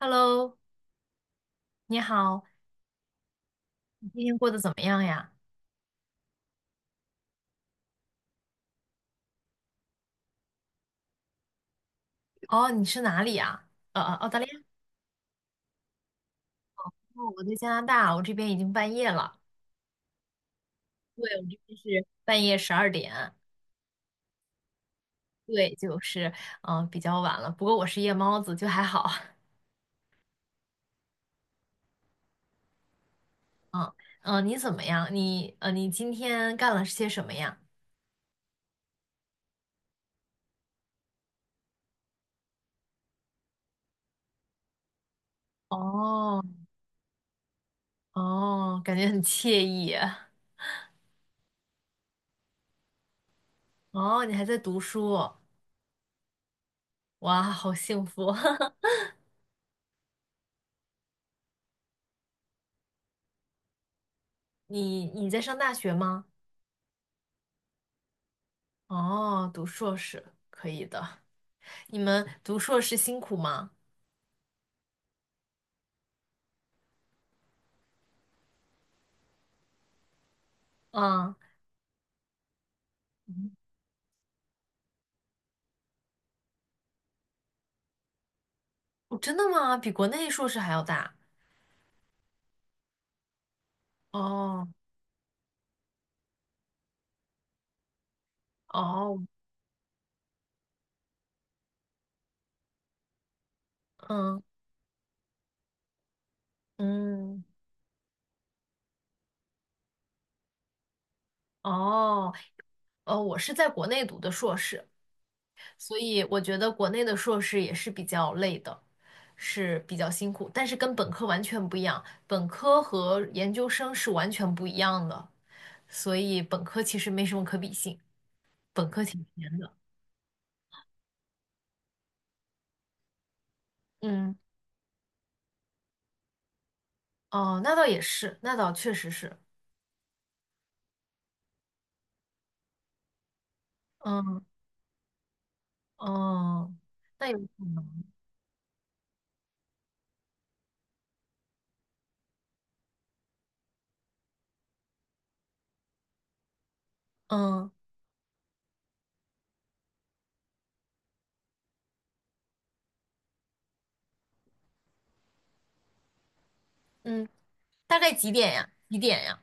Hello，你好，你今天过得怎么样呀？哦，你是哪里呀？澳大利亚，哦我在加拿大，我这边已经半夜了。对，我这边是半夜十二点。对，就是比较晚了。不过我是夜猫子，就还好。嗯你怎么样？你今天干了些什么呀？哦哦，感觉很惬意。哦，你还在读书，哇，好幸福。你在上大学吗？哦，读硕士，可以的。你们读硕士辛苦吗？啊嗯，嗯哦，真的吗？比国内硕士还要大？哦哦，嗯嗯，哦哦，我是在国内读的硕士，所以我觉得国内的硕士也是比较累的，是比较辛苦，但是跟本科完全不一样，本科和研究生是完全不一样的，所以本科其实没什么可比性，本科挺闲的。嗯，哦，那倒也是，那倒确实是。嗯。哦，那有可能。嗯嗯，大概几点呀？几点呀？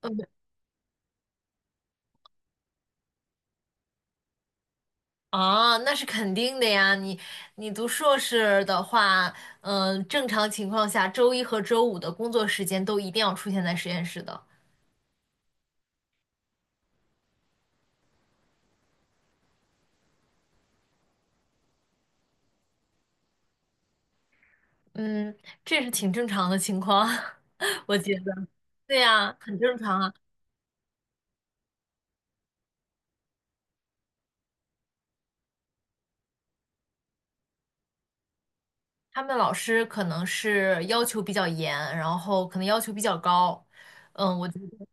嗯啊，那是肯定的呀。你读硕士的话，正常情况下，周一和周五的工作时间都一定要出现在实验室的。嗯，这是挺正常的情况，我觉得。对呀，很正常啊。他们老师可能是要求比较严，然后可能要求比较高。嗯，我觉得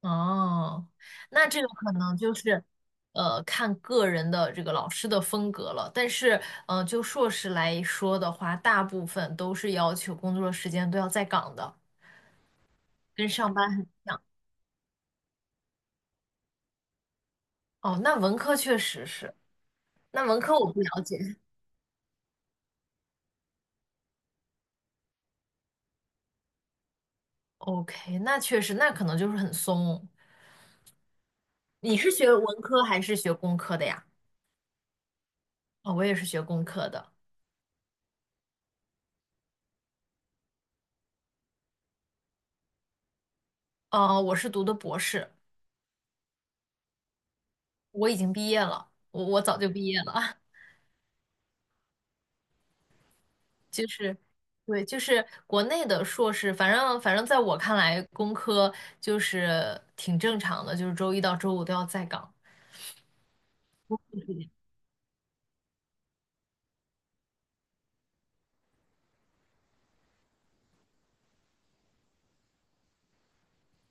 哦，那这个可能就是，呃，看个人的这个老师的风格了。但是，呃，就硕士来说的话，大部分都是要求工作时间都要在岗的，跟上班很。哦，那文科确实是，那文科我不了解。OK，那确实，那可能就是很松。你是学文科还是学工科的呀？哦，我也是学工科的。哦，我是读的博士，我已经毕业了，我早就毕业了。就是，对，就是国内的硕士，反正在我看来，工科就是挺正常的，就是周一到周五都要在岗。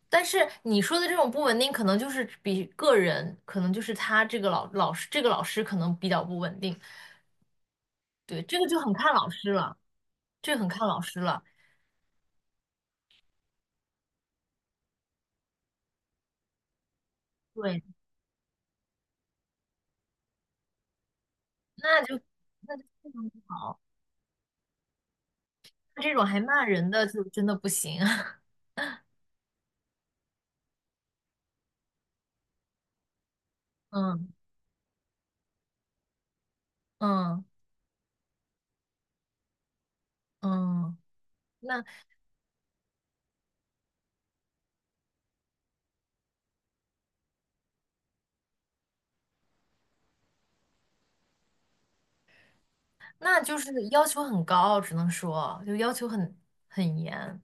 但是你说的这种不稳定，可能就是比个人，可能就是他这个老师，这个老师可能比较不稳定。对，这个就很看老师了，这个很看老师了。对，那就那就非常不好，那这种还骂人的就真的不行。嗯嗯嗯，那。那就是要求很高，只能说就要求很严。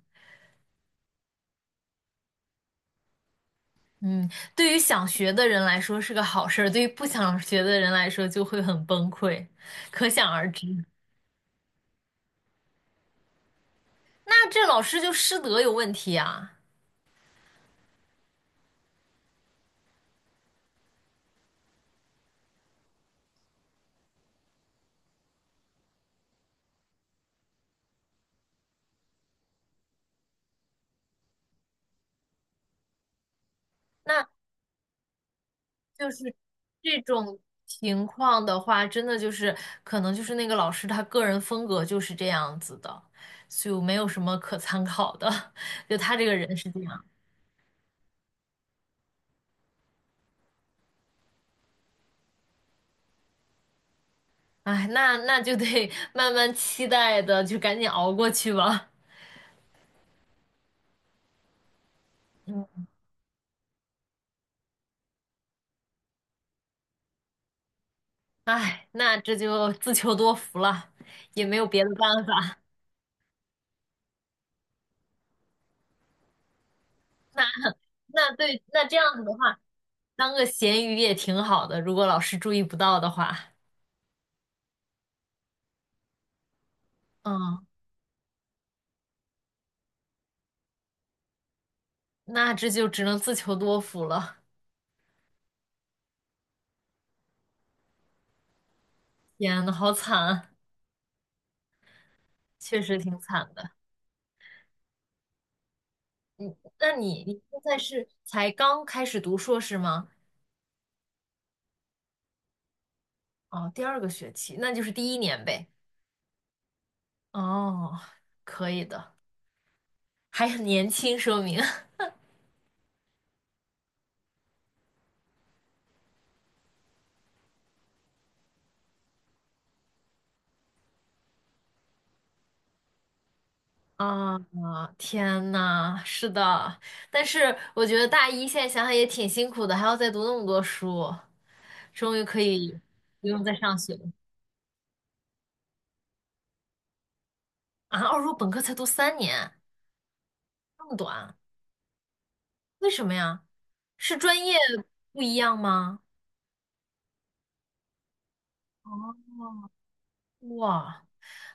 嗯，对于想学的人来说是个好事儿，对于不想学的人来说就会很崩溃，可想而知。那这老师就师德有问题啊？那就是这种情况的话，真的就是可能就是那个老师他个人风格就是这样子的，就没有什么可参考的，就他这个人是这样。哎，那就得慢慢期待的，就赶紧熬过去吧。嗯，哎，那这就自求多福了，也没有别的办法。那那对，那这样子的话，当个咸鱼也挺好的，如果老师注意不到的话，嗯，那这就只能自求多福了。天呐，好惨啊，确实挺惨的。那你现在是才刚开始读硕士吗？哦，第二个学期，那就是第一年呗。哦，可以的，还很年轻，说明。啊，天呐，是的，但是我觉得大一现在想想也挺辛苦的，还要再读那么多书，终于可以不用再上学了啊！二硕本科才读三年，那么短，为什么呀？是专业不一样吗？哦，哇，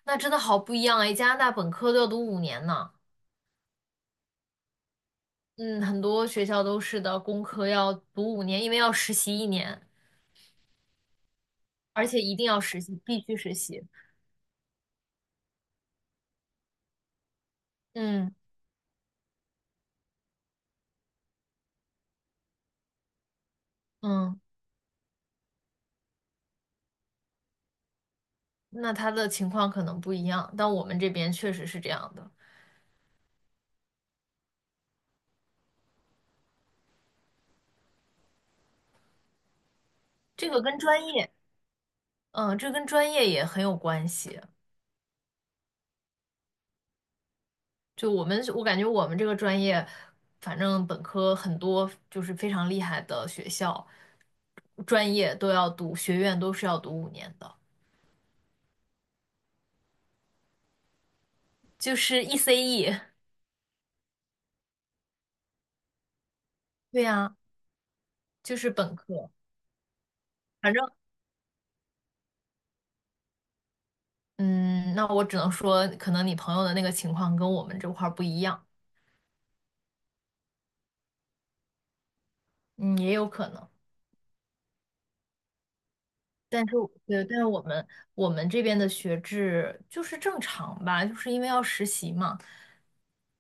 那真的好不一样哎！加拿大本科都要读五年呢，嗯，很多学校都是的，工科要读五年，因为要实习一年，而且一定要实习，必须实习，嗯嗯。那他的情况可能不一样，但我们这边确实是这样的。这个跟专业，嗯，这跟专业也很有关系。就我们，我感觉我们这个专业，反正本科很多就是非常厉害的学校，专业都要读，学院都是要读五年的，就是 ECE。对呀，就是本科。反正，嗯，那我只能说，可能你朋友的那个情况跟我们这块儿不一样，嗯，也有可能。但是我对，但是我们这边的学制就是正常吧，就是因为要实习嘛。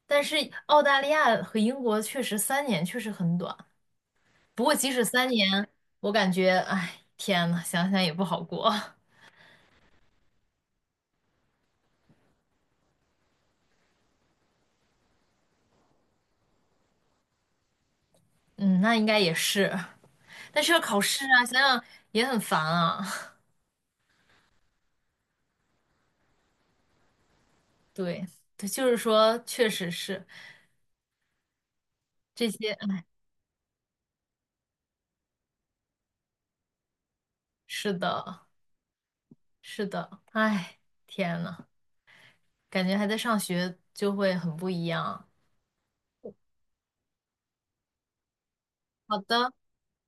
但是澳大利亚和英国确实三年确实很短，不过即使三年，我感觉，哎，天呐，想想也不好过。嗯，那应该也是，但是要考试啊，想想也很烦啊。对，对，就是说，确实是这些，哎，是的，是的，哎，天呐，感觉还在上学就会很不一样。好的。